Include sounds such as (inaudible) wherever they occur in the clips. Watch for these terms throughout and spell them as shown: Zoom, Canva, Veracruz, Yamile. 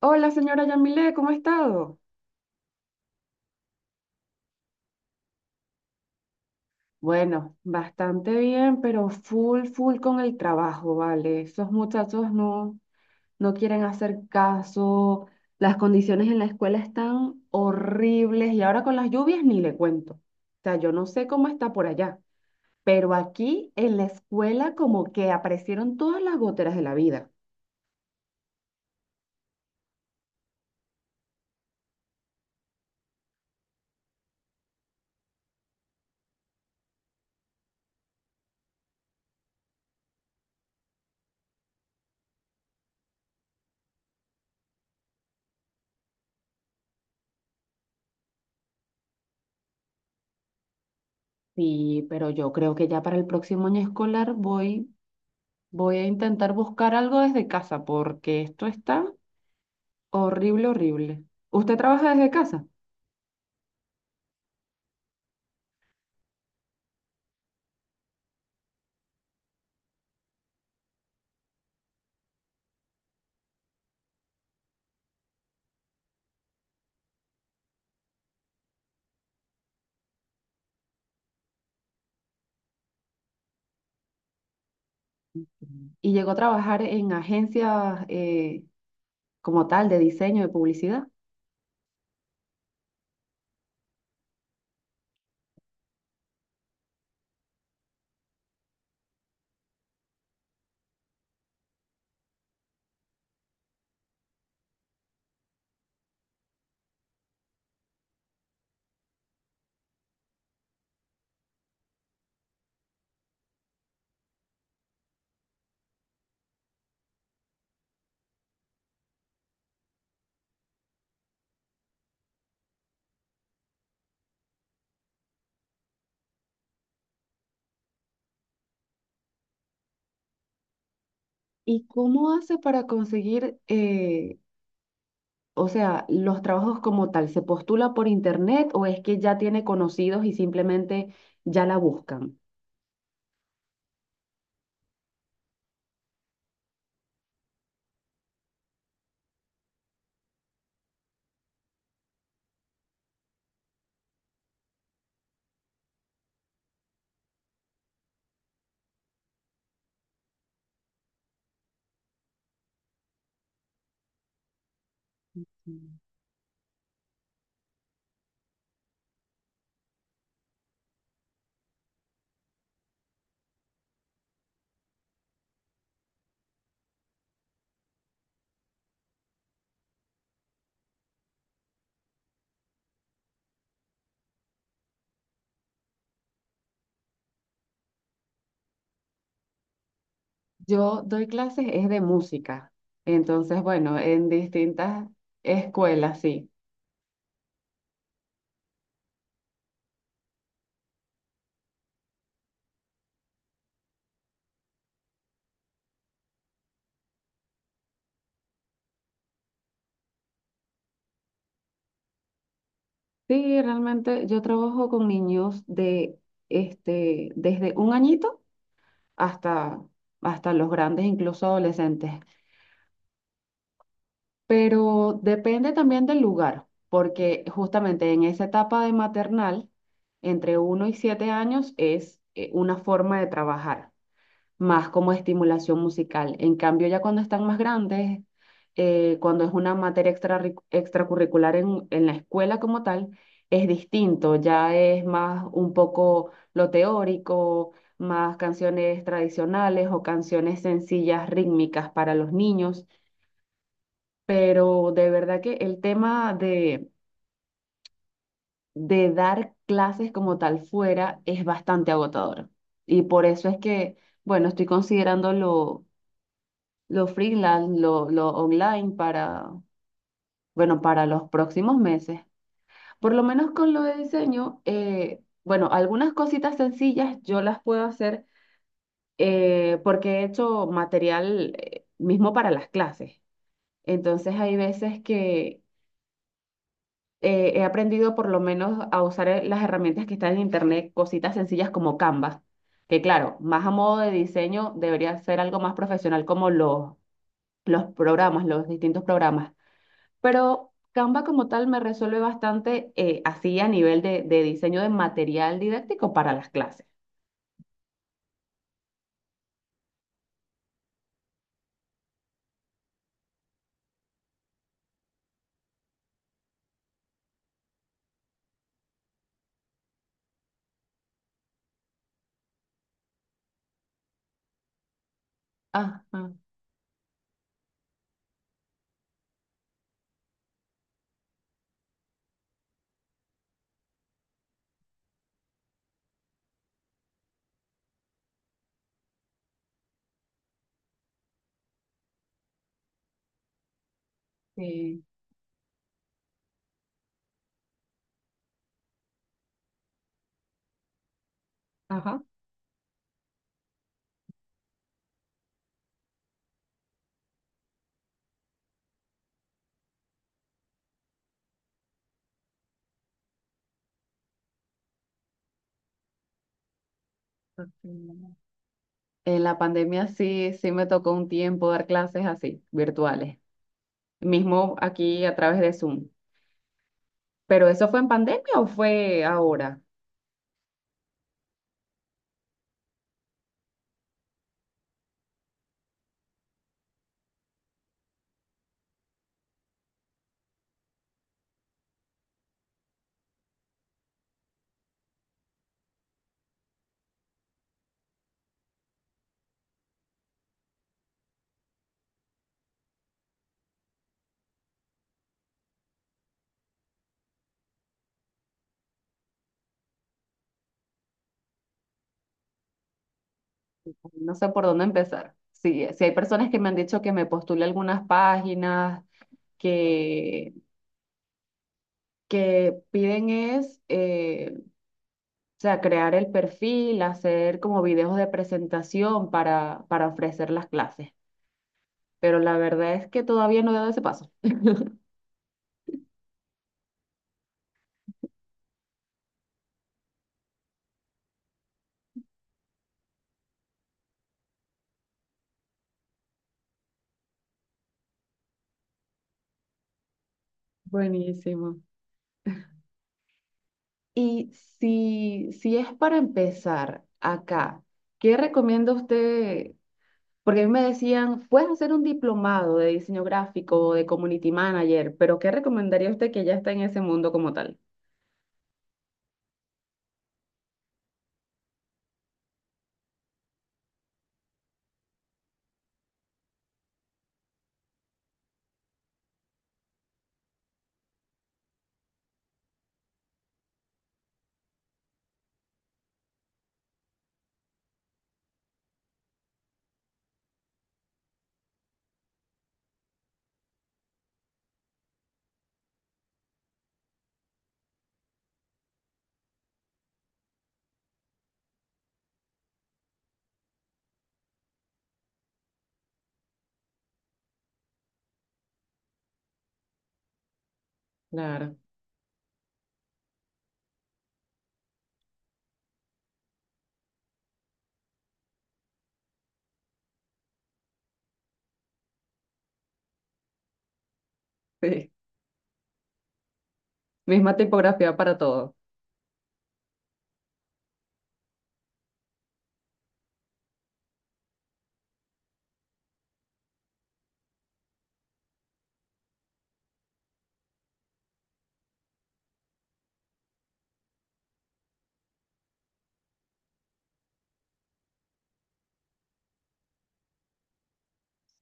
Hola, señora Yamile, ¿cómo ha estado? Bueno, bastante bien, pero full con el trabajo, ¿vale? Esos muchachos no, quieren hacer caso, las condiciones en la escuela están horribles y ahora con las lluvias ni le cuento. O sea, yo no sé cómo está por allá, pero aquí en la escuela como que aparecieron todas las goteras de la vida. Sí, pero yo creo que ya para el próximo año escolar voy a intentar buscar algo desde casa porque esto está... Horrible, horrible. ¿Usted trabaja desde casa? Mm. Y llegó a trabajar en agencias como tal de diseño, de publicidad. ¿Y cómo hace para conseguir, o sea, los trabajos como tal? ¿Se postula por internet o es que ya tiene conocidos y simplemente ya la buscan? Mm. Yo doy clases es de música. Entonces, bueno, en distintas escuelas, sí. Sí, realmente yo trabajo con niños de este desde un añito hasta hasta los grandes, incluso adolescentes. Pero depende también del lugar, porque justamente en esa etapa de maternal, entre uno y 7 años es una forma de trabajar. Más como estimulación musical. En cambio, ya cuando están más grandes, cuando es una materia extra, extracurricular en la escuela como tal, es distinto, ya es más un poco lo teórico, más canciones tradicionales o canciones sencillas rítmicas para los niños, pero de verdad que el tema de dar clases como tal fuera es bastante agotador. Y por eso es que, bueno, estoy considerando lo freelance, lo online para, bueno, para los próximos meses. Por lo menos con lo de diseño, bueno, algunas cositas sencillas yo las puedo hacer porque he hecho material mismo para las clases. Entonces hay veces que he aprendido por lo menos a usar las herramientas que están en internet, cositas sencillas como Canva, que claro, más a modo de diseño debería ser algo más profesional como los programas, los distintos programas. Pero Canva como tal me resuelve bastante así a nivel de diseño de material didáctico para las clases. Ajá, sí, ajá. En la pandemia sí, sí me tocó un tiempo dar clases así, virtuales, mismo aquí a través de Zoom. ¿Pero eso fue en pandemia o fue ahora? No sé por dónde empezar. Sí, sí hay personas que me han dicho que me postule algunas páginas que, que piden es, o sea, crear el perfil, hacer como videos de presentación para ofrecer las clases. Pero la verdad es que todavía no he dado ese paso. Buenísimo. Y si, si es para empezar acá, ¿qué recomienda usted? Porque a mí me decían, puedes hacer un diplomado de diseño gráfico o de community manager, pero ¿qué recomendaría usted que ya está en ese mundo como tal? Claro. (laughs) Sí, misma tipografía para todo.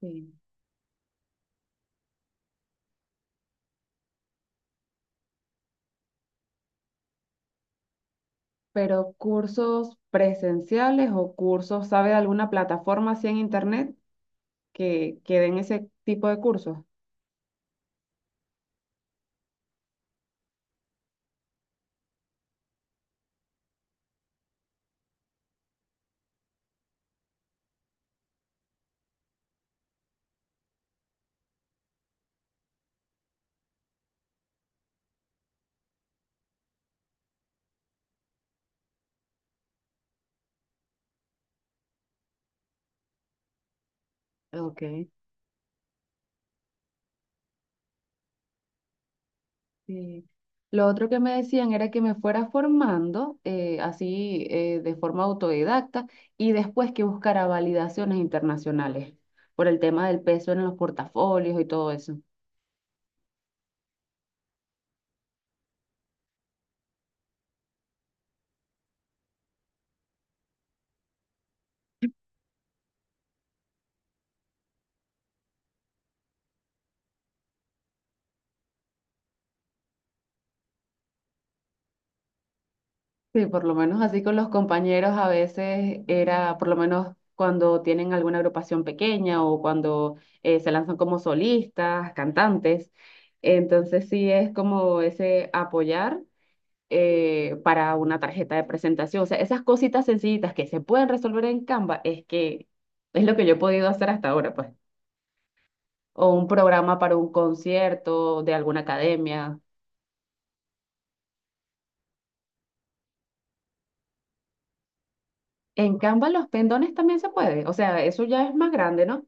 Sí. Pero cursos presenciales o cursos, ¿sabe de alguna plataforma así en internet que den ese tipo de cursos? Ok. Sí. Lo otro que me decían era que me fuera formando así de forma autodidacta y después que buscara validaciones internacionales por el tema del peso en los portafolios y todo eso. Sí, por lo menos así con los compañeros a veces era, por lo menos cuando tienen alguna agrupación pequeña o cuando se lanzan como solistas, cantantes. Entonces sí es como ese apoyar para una tarjeta de presentación. O sea, esas cositas sencillitas que se pueden resolver en Canva es que es lo que yo he podido hacer hasta ahora, pues. O un programa para un concierto de alguna academia. En Canva los pendones también se puede. O sea, eso ya es más grande, ¿no?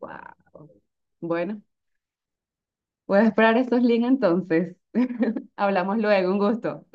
Wow. Bueno, voy a esperar estos links entonces. Hablamos luego, un gusto.